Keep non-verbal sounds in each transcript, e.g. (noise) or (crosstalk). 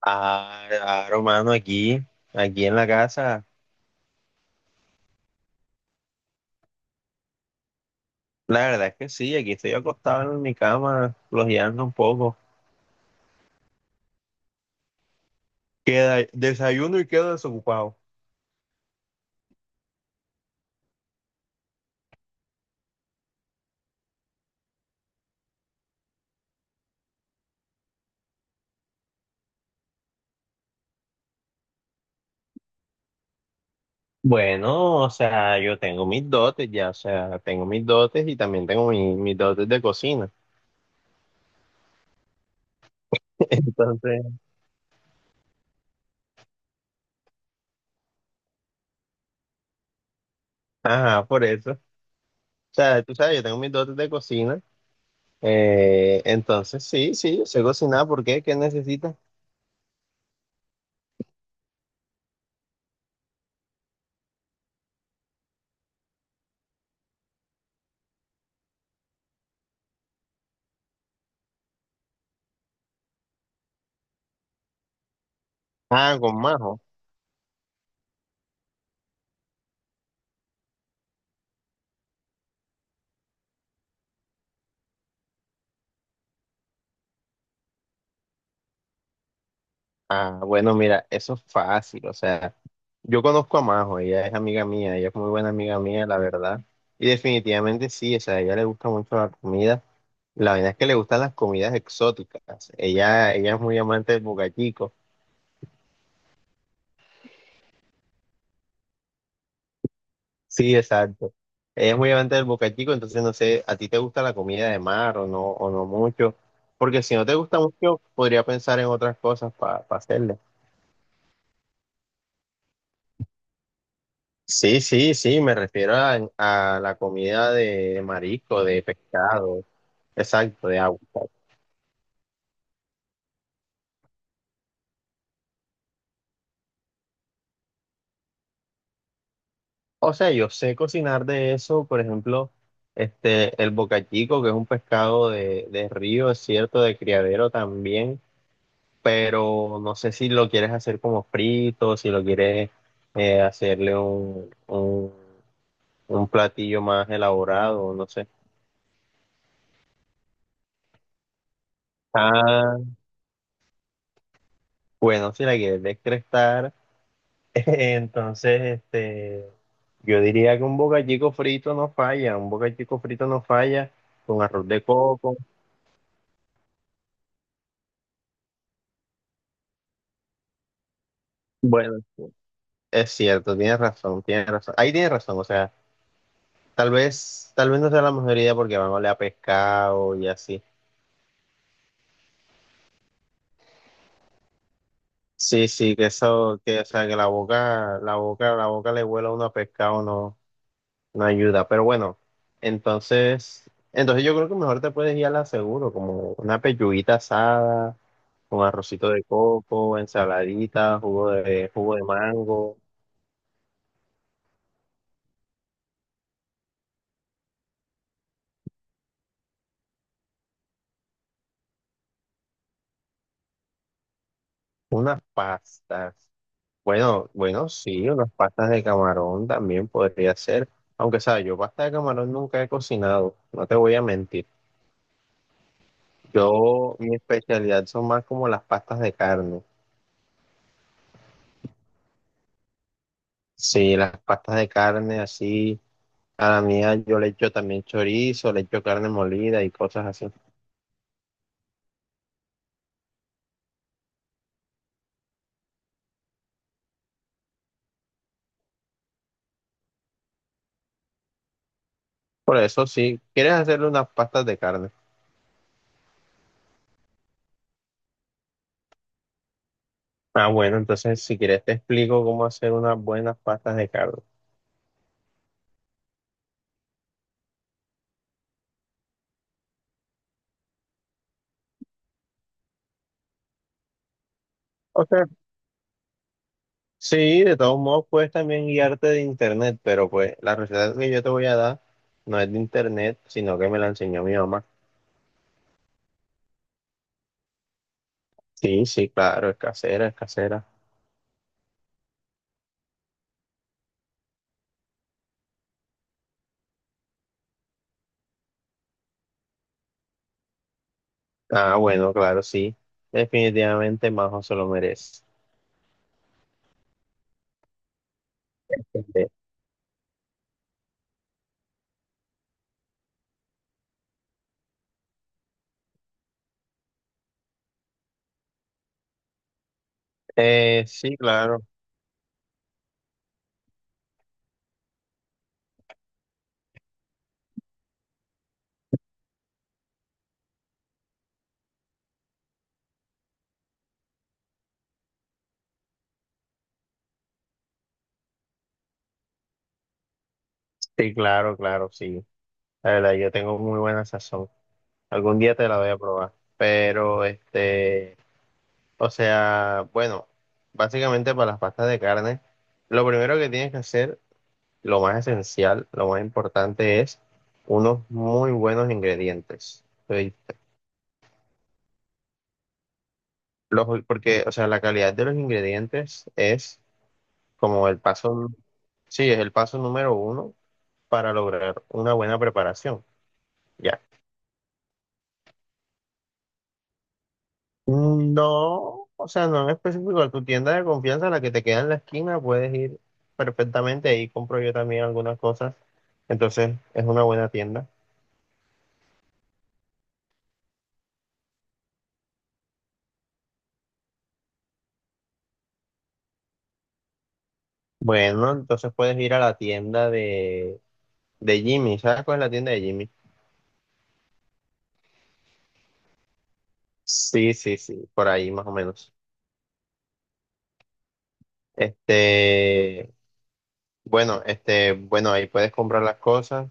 Ah, claro, mano, aquí en la casa. La verdad es que sí, aquí estoy acostado en mi cama, flojeando un poco. Queda, desayuno y quedo desocupado. Bueno, o sea, yo tengo mis dotes ya, o sea, tengo mis dotes y también tengo mis dotes de cocina. Entonces, ajá, por eso. O sea, tú sabes, yo tengo mis dotes de cocina. Entonces, sí, sí, yo sé cocinar. ¿Por qué? ¿Qué necesitas? Ah, con Majo. Ah, bueno, mira, eso es fácil, o sea. Yo conozco a Majo, ella es amiga mía, ella es muy buena amiga mía, la verdad. Y definitivamente sí, o sea, a ella le gusta mucho la comida. La verdad es que le gustan las comidas exóticas. Ella es muy amante del bocachico. Sí, exacto. Ella es muy amante del bocachico, entonces no sé, ¿a ti te gusta la comida de mar o no mucho? Porque si no te gusta mucho, podría pensar en otras cosas para hacerle. Sí, sí, sí, me refiero a la comida de marisco, de pescado, exacto, de agua. O sea, yo sé cocinar de eso, por ejemplo, este, el bocachico, que es un pescado de, río, es cierto, de criadero también, pero no sé si lo quieres hacer como frito, si lo quieres hacerle un platillo más elaborado, no sé. Ah, bueno, si la quieres descrestar, (laughs) entonces, este, yo diría que un bocachico frito no falla, un bocachico frito no falla con arroz de coco. Bueno. Es cierto, tienes razón, tienes razón. Ahí tienes razón, o sea, tal vez no sea la mejor idea porque van a oler a pescado y así. Sí, sí, que eso, que, o sea, que la boca le huela a uno a pescado no, no ayuda. Pero bueno, entonces yo creo que mejor te puedes ir a la seguro, como una pechuguita asada, con arrocito de coco, ensaladita, jugo de mango, unas pastas. Bueno, bueno, sí, unas pastas de camarón también podría ser, aunque sabes, yo pasta de camarón nunca he cocinado, no te voy a mentir. Yo, mi especialidad son más como las pastas de carne. Sí, las pastas de carne así, a la mía yo le echo también chorizo, le echo carne molida y cosas así. Por eso sí, ¿quieres hacerle unas pastas de carne? Ah, bueno, entonces si quieres te explico cómo hacer unas buenas pastas de carne. Ok, sí, de todos modos puedes también guiarte de internet, pero pues la receta que yo te voy a dar no es de internet, sino que me la enseñó mi mamá. Sí, sí, claro, es casera, es casera. Ah, bueno, claro, sí. Definitivamente Majo se lo merece. Sí, claro, sí, claro, claro, sí. La verdad, yo tengo muy buena sazón. Algún día te la voy a probar. Pero, este, o sea, bueno, básicamente para las pastas de carne, lo primero que tienes que hacer. Lo más esencial, lo más importante es unos muy buenos ingredientes. Oí. Porque, o sea, la calidad de los ingredientes es como el paso, sí, es el paso número uno para lograr una buena preparación. Ya. No, o sea, no en específico, a tu tienda de confianza, la que te queda en la esquina, puedes ir perfectamente. Ahí compro yo también algunas cosas. Entonces, es una buena tienda. Bueno, entonces puedes ir a la tienda de De Jimmy, ¿sabes cuál es la tienda de Jimmy? Sí, sí, sí, por ahí más o menos. Este, bueno, este, bueno, ahí puedes comprar las cosas.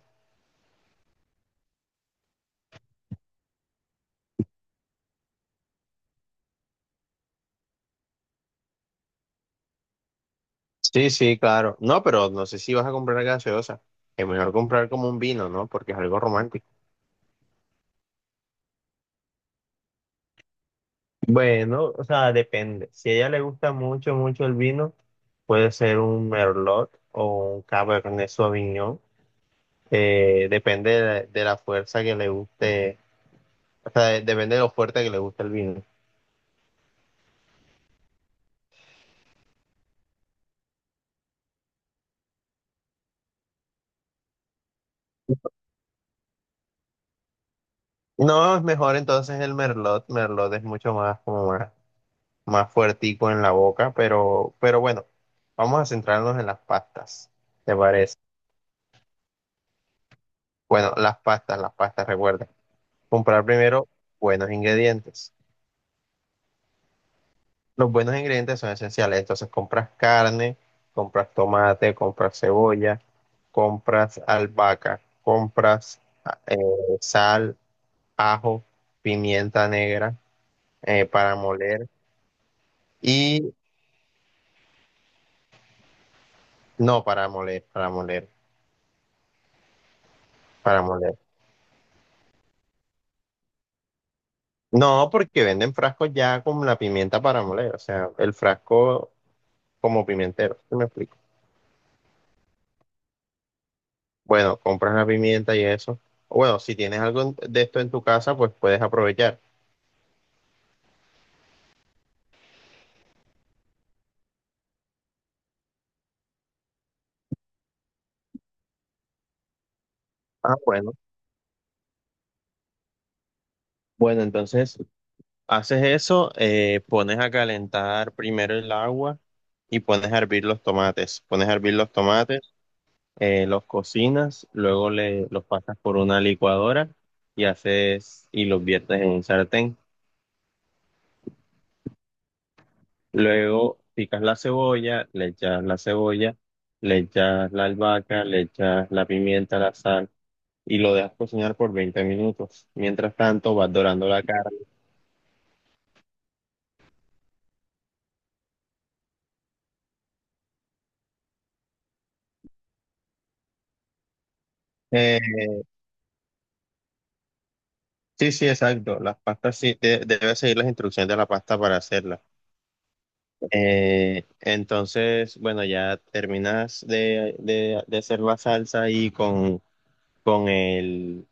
Sí, sí, claro. No, pero no sé si vas a comprar gaseosa. Es mejor comprar como un vino, ¿no? Porque es algo romántico. Bueno, o sea, depende. Si a ella le gusta mucho, mucho el vino, puede ser un Merlot o un Cabernet Sauvignon. Depende de la, fuerza que le guste, o sea, depende de lo fuerte que le guste el vino. No, es mejor entonces el Merlot. Merlot es mucho más, como más fuertico en la boca, pero bueno, vamos a centrarnos en las pastas, ¿te parece? Bueno, las pastas, recuerda. Comprar primero buenos ingredientes. Los buenos ingredientes son esenciales. Entonces compras carne, compras tomate, compras cebolla, compras albahaca, compras eh, sal, ajo, pimienta negra para moler. No, para moler, para moler, para moler. No, porque venden frascos ya con la pimienta para moler, o sea, el frasco como pimentero, ¿sí me explico? Bueno, compras la pimienta y eso. Bueno, si tienes algo de esto en tu casa, pues puedes aprovechar. Ah, bueno. Bueno, entonces haces eso, pones a calentar primero el agua y pones a hervir los tomates. Pones a hervir los tomates, los cocinas, luego los pasas por una licuadora y haces y los viertes en un sartén. Luego picas la cebolla, le echas la cebolla, le echas la albahaca, le echas la pimienta, la sal y lo dejas cocinar por 20 minutos. Mientras tanto, vas dorando la carne. Eh, sí, sí, exacto. Las pastas sí, debes seguir las instrucciones de la pasta para hacerla. Entonces, bueno, ya terminas de, de hacer la salsa y con el,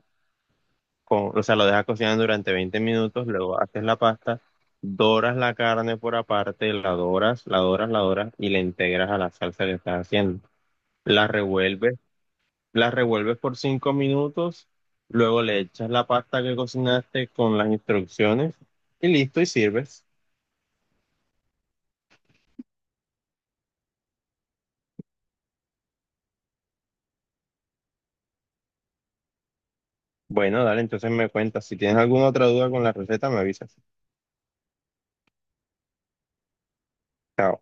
o sea, lo dejas cocinar durante 20 minutos, luego haces la pasta, doras la carne por aparte, la doras, la doras, la doras y la integras a la salsa que estás haciendo. La revuelves, la revuelves por 5 minutos, luego le echas la pasta que cocinaste con las instrucciones y listo y sirves. Bueno, dale, entonces me cuentas. Si tienes alguna otra duda con la receta, me avisas. Chao.